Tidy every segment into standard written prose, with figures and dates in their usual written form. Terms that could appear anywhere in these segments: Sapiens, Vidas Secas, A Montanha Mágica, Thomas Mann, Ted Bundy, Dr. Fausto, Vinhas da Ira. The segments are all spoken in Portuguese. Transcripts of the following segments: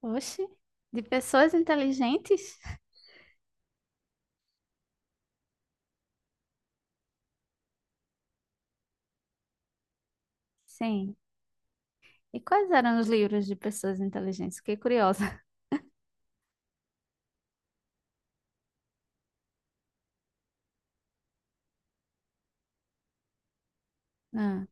Oxe, de pessoas inteligentes? Sim. E quais eram os livros de pessoas inteligentes? Fiquei curiosa. Ah,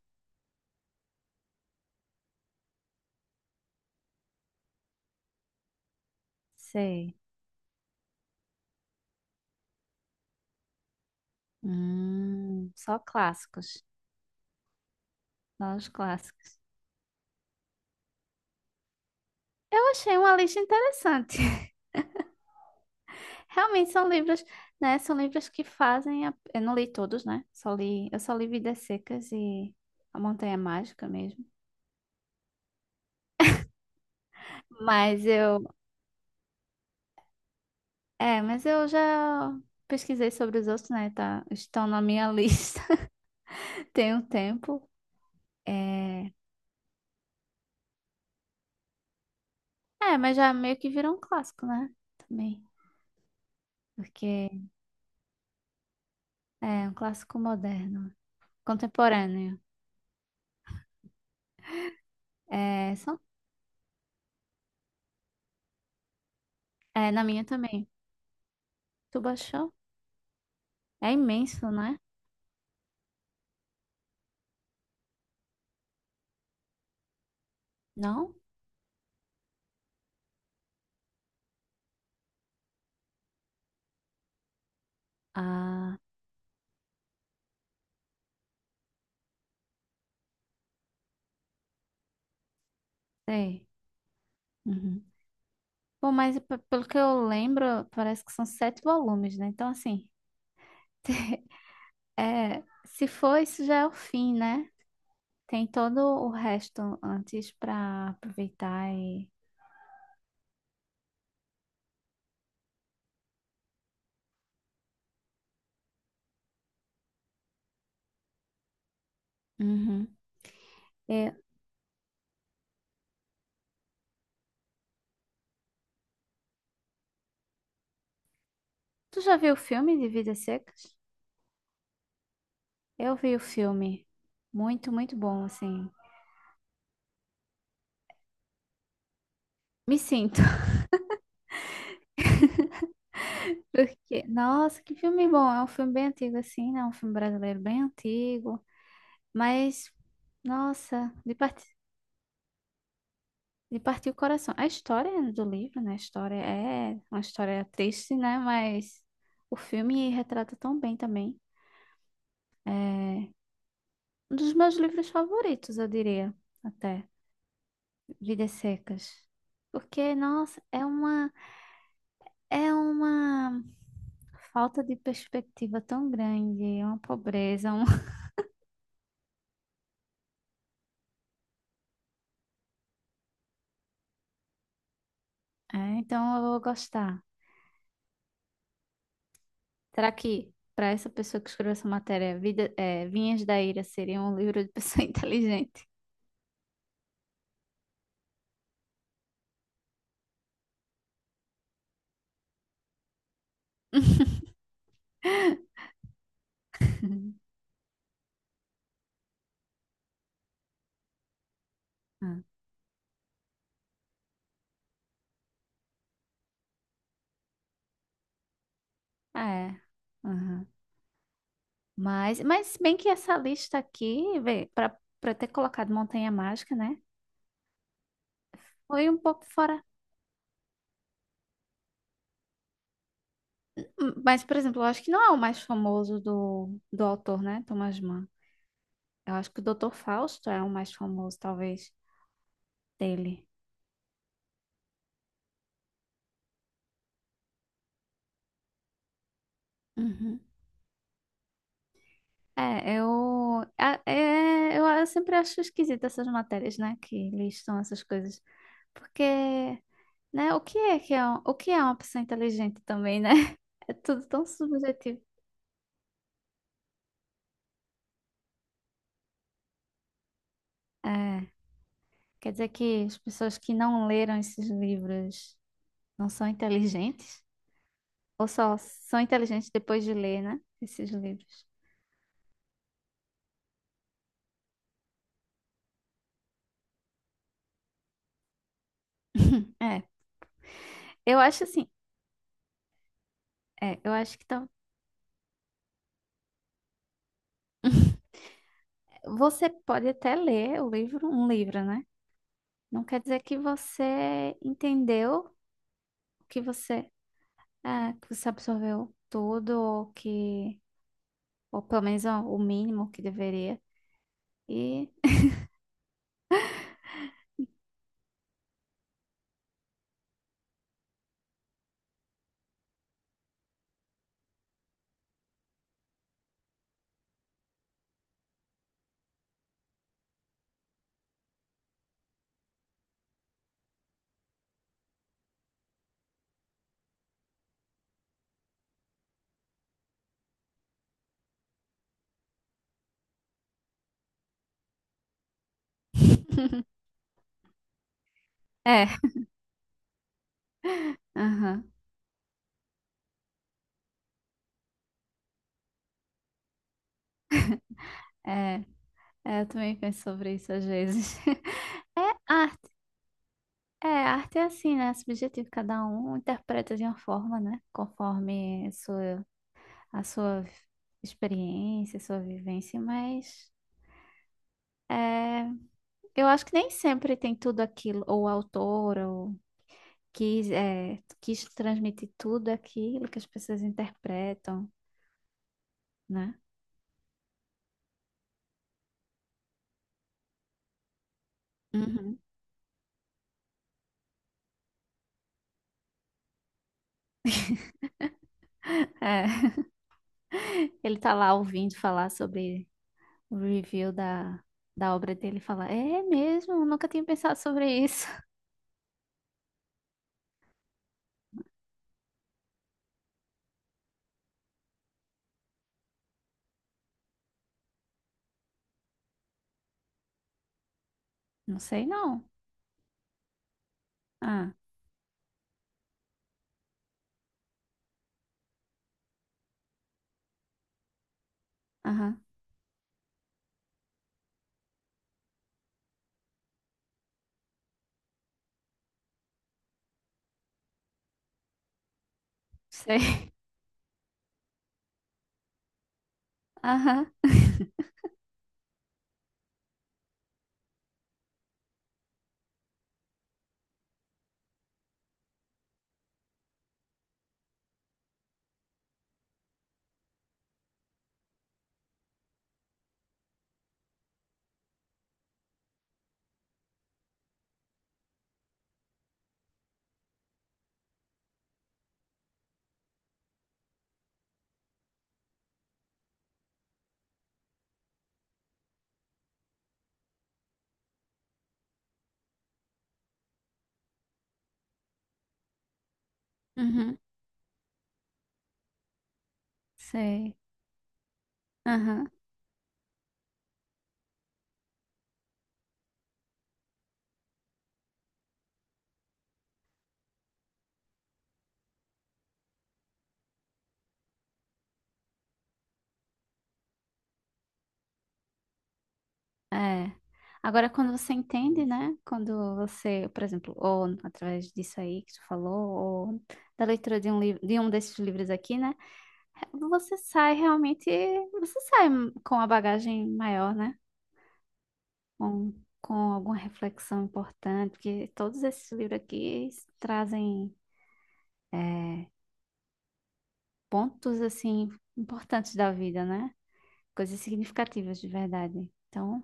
sei. Só clássicos. Só os clássicos. Eu achei uma lista interessante. Realmente são livros, né? São livros que fazem. Eu não li todos, né? Eu só li Vidas Secas e A Montanha Mágica mesmo. Mas eu. Mas eu já pesquisei sobre os outros, né? Tá... Estão na minha lista tem um tempo. É, é, mas já meio que virou um clássico, né? Também. Porque é um clássico moderno, contemporâneo. É, são. É na minha também. Tu baixou? É imenso, né? Não? Ah, sei. Uhum. Bom, mas pelo que eu lembro, parece que são sete volumes, né? Então, assim, é, se for, isso já é o fim, né? Tem todo o resto antes pra aproveitar. Uhum. E- tu já viu o filme de Vidas Secas? Eu vi o filme. Muito, muito bom, assim. Me sinto. Porque, nossa, que filme bom. É um filme bem antigo, assim, né? Um filme brasileiro bem antigo. Mas, nossa, de partir o coração. A história do livro, né? A história é uma história triste, né? Mas o filme retrata tão bem também. Um dos meus livros favoritos, eu diria, até. Vidas Secas. Porque, nossa, é uma falta de perspectiva tão grande, é uma pobreza. É, então eu vou gostar. Será que para essa pessoa que escreveu essa matéria, Vinhas da Ira seria um livro de pessoa inteligente? Ah, é. Aham. Mas, se bem que essa lista aqui, para ter colocado Montanha Mágica, né? Foi um pouco fora. Mas, por exemplo, eu acho que não é o mais famoso do autor, né? Thomas Mann. Eu acho que o Dr. Fausto é o mais famoso, talvez, dele. Uhum. É, eu, a- é, eu sempre acho esquisito essas matérias, né, que listam essas coisas. Porque, né, o que é uma pessoa inteligente também, né? É tudo tão subjetivo. É, quer dizer que as pessoas que não leram esses livros não são inteligentes? Ou só são inteligentes depois de ler, né, esses livros? É, eu acho assim, eu acho que tá. Você pode até ler o livro, um livro, né? Não quer dizer que você entendeu, que você, que você absorveu tudo, ou pelo menos ó, o mínimo que deveria. E é, aham, é, eu também penso sobre isso às vezes. É arte, é assim, né? É subjetivo, cada um interpreta de uma forma, né? Conforme a sua experiência, sua vivência, mas é. Eu acho que nem sempre tem tudo aquilo, ou o autor, ou quis transmitir tudo aquilo que as pessoas interpretam, né? Uhum. É, ele tá lá ouvindo falar sobre o review da obra dele e fala, é mesmo, Eu nunca tinha pensado sobre isso. Não sei não. Ah, aham, sei. Aham, uhum, sei. Aham. É. Agora, quando você entende, né? Quando você, por exemplo, ou através disso aí que tu falou, ou da leitura de um livro, de um desses livros aqui, né? Você sai realmente, você sai com a bagagem maior, né? Com, com alguma reflexão importante, porque todos esses livros aqui trazem é, pontos, assim, importantes da vida, né? Coisas significativas de verdade. Então,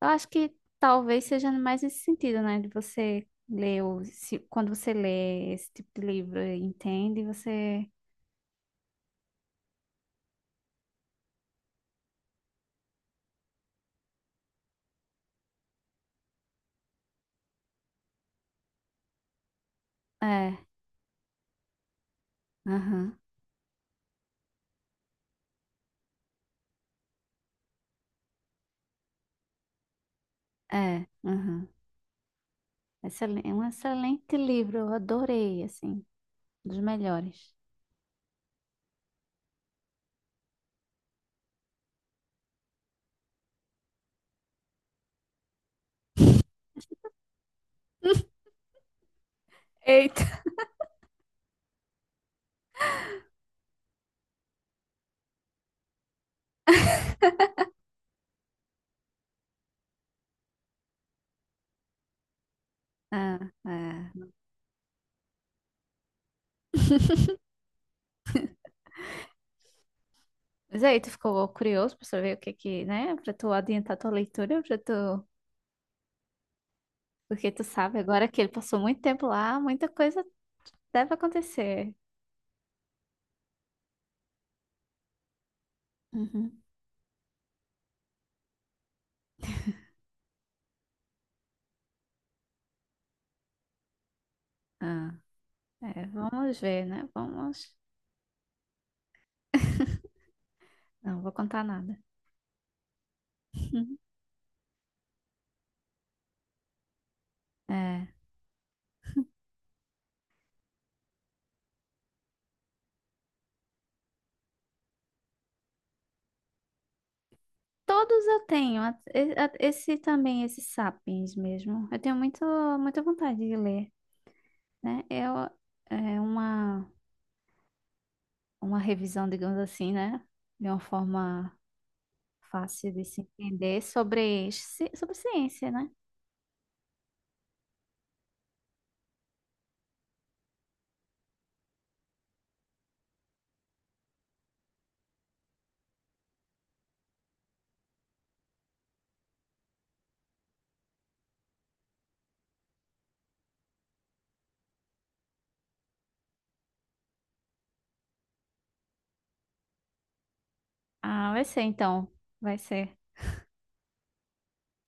Eu acho que talvez seja mais esse sentido, né? De você ler, o, se- quando você lê esse tipo de livro e entende, você. É, aham, é, aham. É um excelente livro, eu adorei, assim, dos melhores. Eita. Ah, é. Mas aí, tu ficou curioso pra saber o que que, né? Pra tu adiantar tua leitura, pra tu. Porque tu sabe agora que ele passou muito tempo lá, muita coisa deve acontecer. Uhum. Ah. É, vamos ver, né? Vamos. Não vou contar nada. É. Todos eu tenho. Esse também, esses sapiens mesmo. Eu tenho muita vontade de ler, né? É uma, uma revisão, digamos assim, né? De uma forma fácil de se entender sobre ciência, né? Ah, vai ser então. Vai ser.